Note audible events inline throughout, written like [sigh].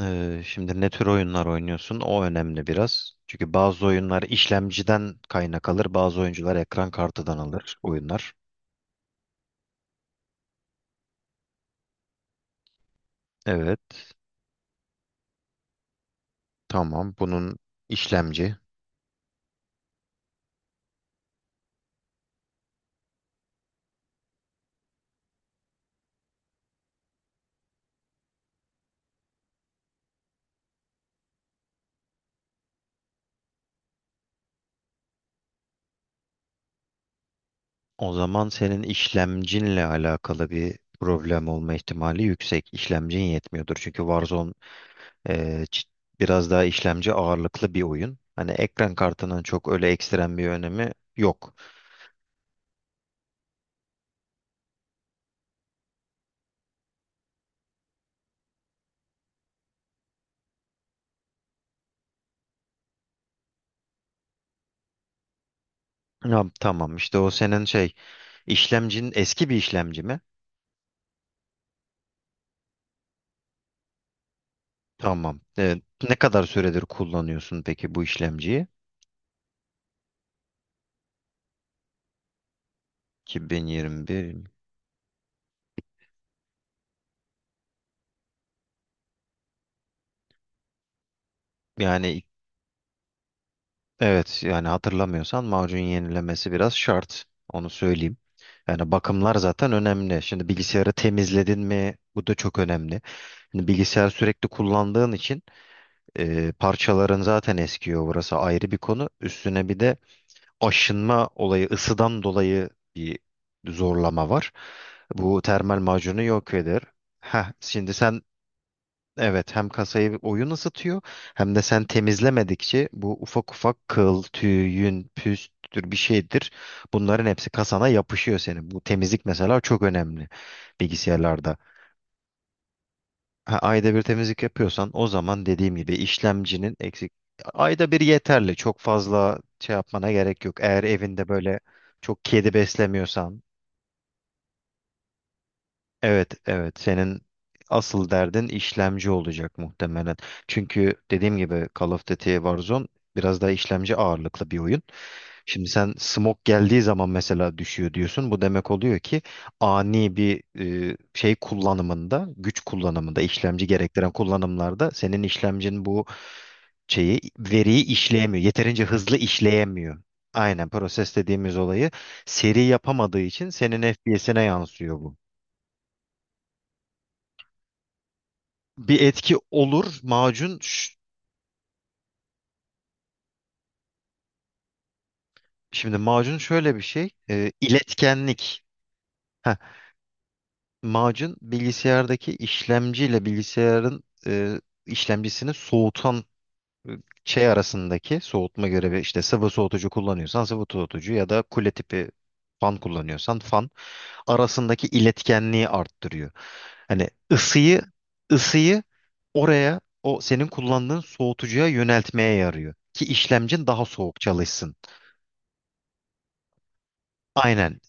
Şimdi ne tür oyunlar oynuyorsun? O önemli biraz. Çünkü bazı oyunlar işlemciden kaynak alır, bazı oyuncular ekran kartıdan alır oyunlar. Evet, tamam. Bunun işlemci. O zaman senin işlemcinle alakalı bir problem olma ihtimali yüksek. İşlemcin yetmiyordur. Çünkü Warzone e, ç- biraz daha işlemci ağırlıklı bir oyun. Hani ekran kartının çok öyle ekstrem bir önemi yok. Ya, tamam işte o senin şey işlemcin eski bir işlemci mi? Tamam. Evet. Ne kadar süredir kullanıyorsun peki bu işlemciyi? 2021. Yani evet, yani hatırlamıyorsan macun yenilemesi biraz şart. Onu söyleyeyim. Yani bakımlar zaten önemli. Şimdi bilgisayarı temizledin mi? Bu da çok önemli. Şimdi bilgisayar sürekli kullandığın için parçaların zaten eskiyor. Burası ayrı bir konu. Üstüne bir de aşınma olayı, ısıdan dolayı bir zorlama var. Bu termal macunu yok eder. Heh, şimdi sen. Evet, hem kasayı oyun ısıtıyor hem de sen temizlemedikçe bu ufak ufak kıl, tüy, yün, püstür bir şeydir. Bunların hepsi kasana yapışıyor senin. Bu temizlik mesela çok önemli bilgisayarlarda. Ha, ayda bir temizlik yapıyorsan o zaman dediğim gibi işlemcinin eksik. Ayda bir yeterli. Çok fazla şey yapmana gerek yok. Eğer evinde böyle çok kedi beslemiyorsan. Evet, evet. Senin asıl derdin işlemci olacak muhtemelen. Çünkü dediğim gibi Call of Duty Warzone biraz daha işlemci ağırlıklı bir oyun. Şimdi sen smoke geldiği zaman mesela düşüyor diyorsun. Bu demek oluyor ki ani bir şey kullanımında, güç kullanımında, işlemci gerektiren kullanımlarda senin işlemcin bu şeyi, veriyi işleyemiyor. Yeterince hızlı işleyemiyor. Aynen proses dediğimiz olayı seri yapamadığı için senin FPS'ine yansıyor bu. Bir etki olur. Şimdi macun şöyle bir şey. E, iletkenlik. Heh, macun bilgisayardaki işlemciyle bilgisayarın işlemcisini soğutan e, şey arasındaki soğutma görevi, işte sıvı soğutucu kullanıyorsan sıvı soğutucu ya da kule tipi fan kullanıyorsan fan arasındaki iletkenliği arttırıyor. Hani ısıyı oraya, o senin kullandığın soğutucuya yöneltmeye yarıyor ki işlemcin daha soğuk çalışsın. Aynen.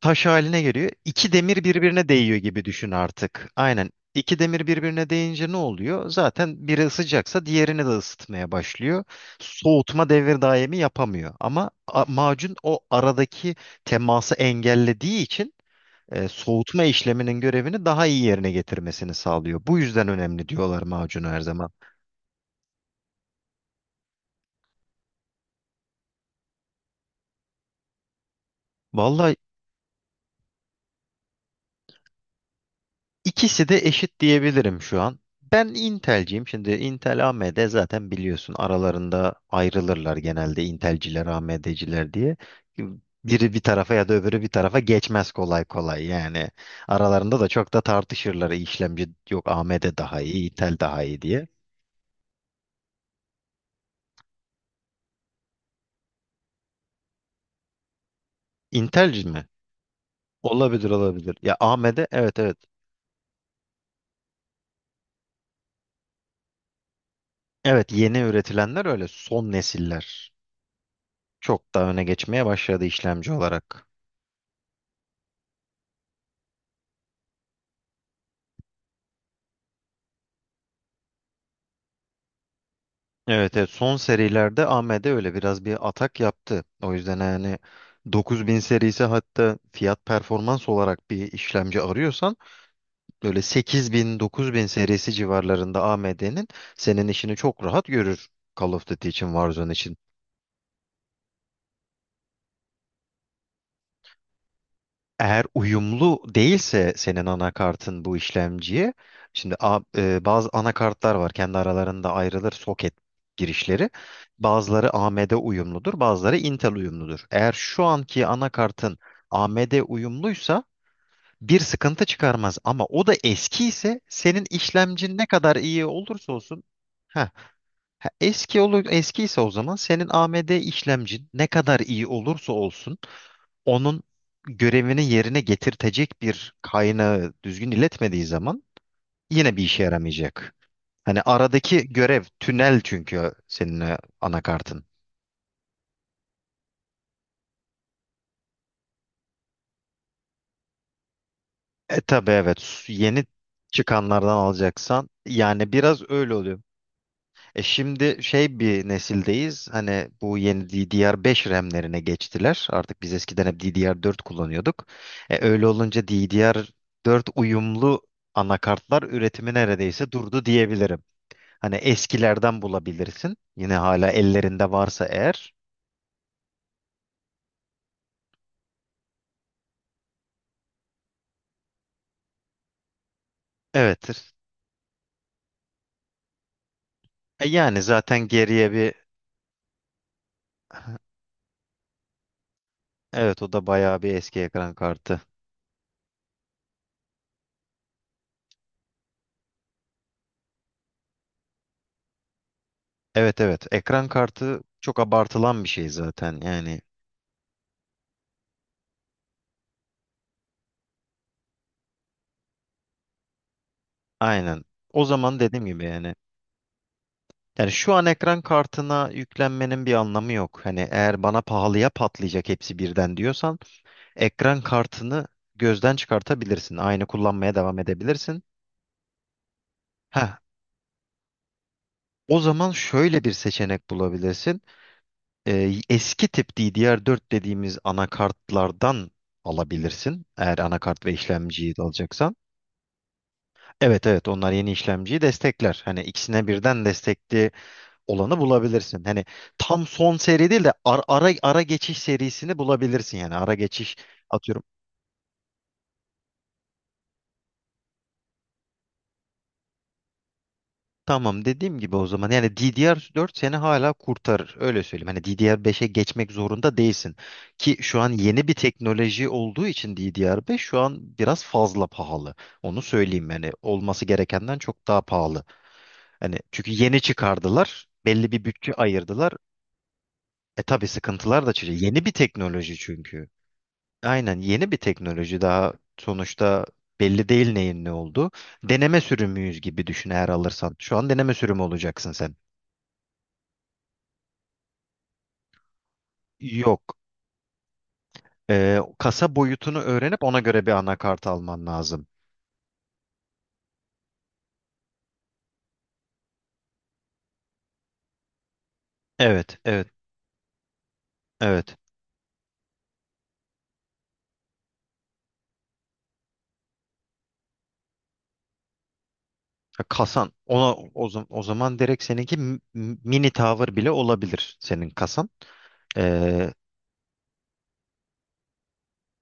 Taş haline geliyor. İki demir birbirine değiyor gibi düşün artık. Aynen. İki demir birbirine değince ne oluyor? Zaten biri ısıcaksa diğerini de ısıtmaya başlıyor. Soğutma devir daimi yapamıyor. Ama macun o aradaki teması engellediği için soğutma işleminin görevini daha iyi yerine getirmesini sağlıyor. Bu yüzden önemli diyorlar macunu her zaman. Vallahi İkisi de eşit diyebilirim şu an. Ben Intel'ciyim. Şimdi Intel AMD, zaten biliyorsun, aralarında ayrılırlar genelde Intel'ciler AMD'ciler diye. Biri bir tarafa ya da öbürü bir tarafa geçmez kolay kolay yani. Aralarında da çok da tartışırlar, işlemci yok, AMD daha iyi, Intel daha iyi diye. Intel'ci mi? Olabilir, olabilir. Ya AMD, evet, evet. Evet, yeni üretilenler öyle son nesiller. Çok daha öne geçmeye başladı işlemci olarak. Evet, evet, son serilerde AMD öyle biraz bir atak yaptı. O yüzden yani 9000 serisi, hatta fiyat performans olarak bir işlemci arıyorsan böyle 8000 9000 serisi civarlarında AMD'nin, senin işini çok rahat görür. Call of Duty için, Warzone için. Eğer uyumlu değilse senin anakartın bu işlemciye, şimdi bazı anakartlar var, kendi aralarında ayrılır soket girişleri. Bazıları AMD uyumludur, bazıları Intel uyumludur. Eğer şu anki anakartın AMD uyumluysa bir sıkıntı çıkarmaz, ama o da eski ise senin işlemcin ne kadar iyi olursa olsun. Heh, ha, eski olur. Eski ise o zaman senin AMD işlemcin ne kadar iyi olursa olsun, onun görevini yerine getirtecek bir kaynağı düzgün iletmediği zaman yine bir işe yaramayacak. Hani aradaki görev tünel çünkü senin anakartın. E tabii, evet, yeni çıkanlardan alacaksan yani biraz öyle oluyor. E şimdi şey, bir nesildeyiz hani, bu yeni DDR5 RAM'lerine geçtiler. Artık biz eskiden hep DDR4 kullanıyorduk. E, öyle olunca DDR4 uyumlu anakartlar üretimi neredeyse durdu diyebilirim. Hani eskilerden bulabilirsin. Yine hala ellerinde varsa eğer. Evettir. E, yani zaten geriye bir [laughs] evet, o da bayağı bir eski ekran kartı. Evet, evet, ekran kartı çok abartılan bir şey zaten yani. Aynen. O zaman dediğim gibi yani. Yani şu an ekran kartına yüklenmenin bir anlamı yok. Hani eğer bana pahalıya patlayacak hepsi birden diyorsan ekran kartını gözden çıkartabilirsin. Aynı kullanmaya devam edebilirsin. Heh, o zaman şöyle bir seçenek bulabilirsin. Eski tip DDR4 dediğimiz anakartlardan alabilirsin, eğer anakart ve işlemciyi de alacaksan. Evet, evet, onlar yeni işlemciyi destekler. Hani ikisine birden destekli olanı bulabilirsin. Hani tam son seri değil de ara geçiş serisini bulabilirsin yani. Ara geçiş atıyorum. Tamam, dediğim gibi, o zaman yani DDR4 seni hala kurtarır, öyle söyleyeyim. Hani DDR5'e geçmek zorunda değilsin. Ki şu an yeni bir teknoloji olduğu için DDR5 şu an biraz fazla pahalı. Onu söyleyeyim, yani olması gerekenden çok daha pahalı. Hani çünkü yeni çıkardılar, belli bir bütçe ayırdılar. E tabii, sıkıntılar da çıkıyor. Yeni bir teknoloji çünkü. Aynen, yeni bir teknoloji daha sonuçta, belli değil neyin ne olduğu. Deneme sürümüyüz gibi düşün eğer alırsan. Şu an deneme sürümü olacaksın sen. Yok. Kasa boyutunu öğrenip ona göre bir anakart alman lazım. Evet, evet, evet. Ya, kasan o zaman direkt seninki mini tower bile olabilir senin kasan. Ee,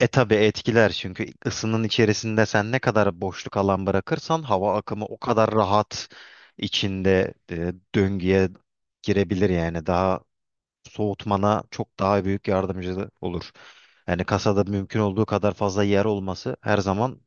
e tabi etkiler, çünkü ısının içerisinde sen ne kadar boşluk alan bırakırsan hava akımı o kadar rahat içinde döngüye girebilir yani, daha soğutmana çok daha büyük yardımcı olur. Yani kasada mümkün olduğu kadar fazla yer olması her zaman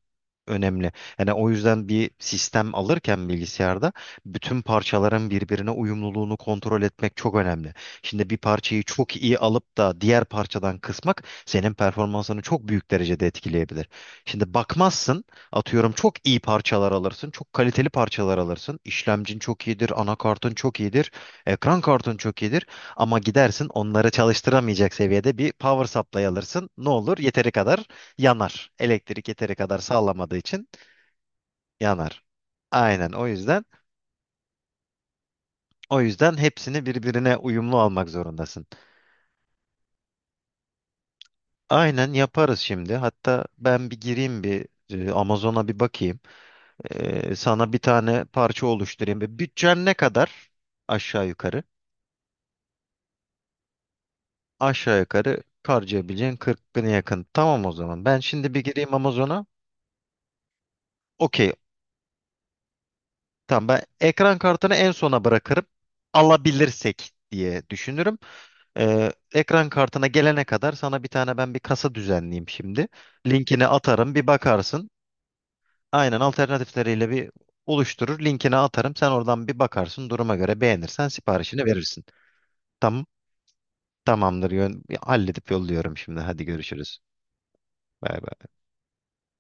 önemli. Yani o yüzden bir sistem alırken bilgisayarda bütün parçaların birbirine uyumluluğunu kontrol etmek çok önemli. Şimdi bir parçayı çok iyi alıp da diğer parçadan kısmak senin performansını çok büyük derecede etkileyebilir. Şimdi bakmazsın, atıyorum çok iyi parçalar alırsın, çok kaliteli parçalar alırsın. İşlemcin çok iyidir, anakartın çok iyidir, ekran kartın çok iyidir. Ama gidersin onları çalıştıramayacak seviyede bir power supply alırsın. Ne olur? Yeteri kadar yanar. Elektrik yeteri kadar sağlamadığı için yanar. Aynen o yüzden hepsini birbirine uyumlu almak zorundasın. Aynen, yaparız şimdi. Hatta ben bir gireyim, bir Amazon'a bir bakayım. Sana bir tane parça oluşturayım. Bir bütçen ne kadar? Aşağı yukarı. Aşağı yukarı harcayabileceğin 40 bine yakın. Tamam, o zaman. Ben şimdi bir gireyim Amazon'a. Okey, tamam, ben ekran kartını en sona bırakırım. Alabilirsek diye düşünürüm. Ekran kartına gelene kadar sana bir tane, ben bir kasa düzenleyeyim şimdi. Linkini atarım, bir bakarsın. Aynen, alternatifleriyle bir oluşturur. Linkini atarım. Sen oradan bir bakarsın. Duruma göre beğenirsen siparişini verirsin. Tamam. Tamamdır. Halledip yolluyorum şimdi. Hadi görüşürüz. Bay bay.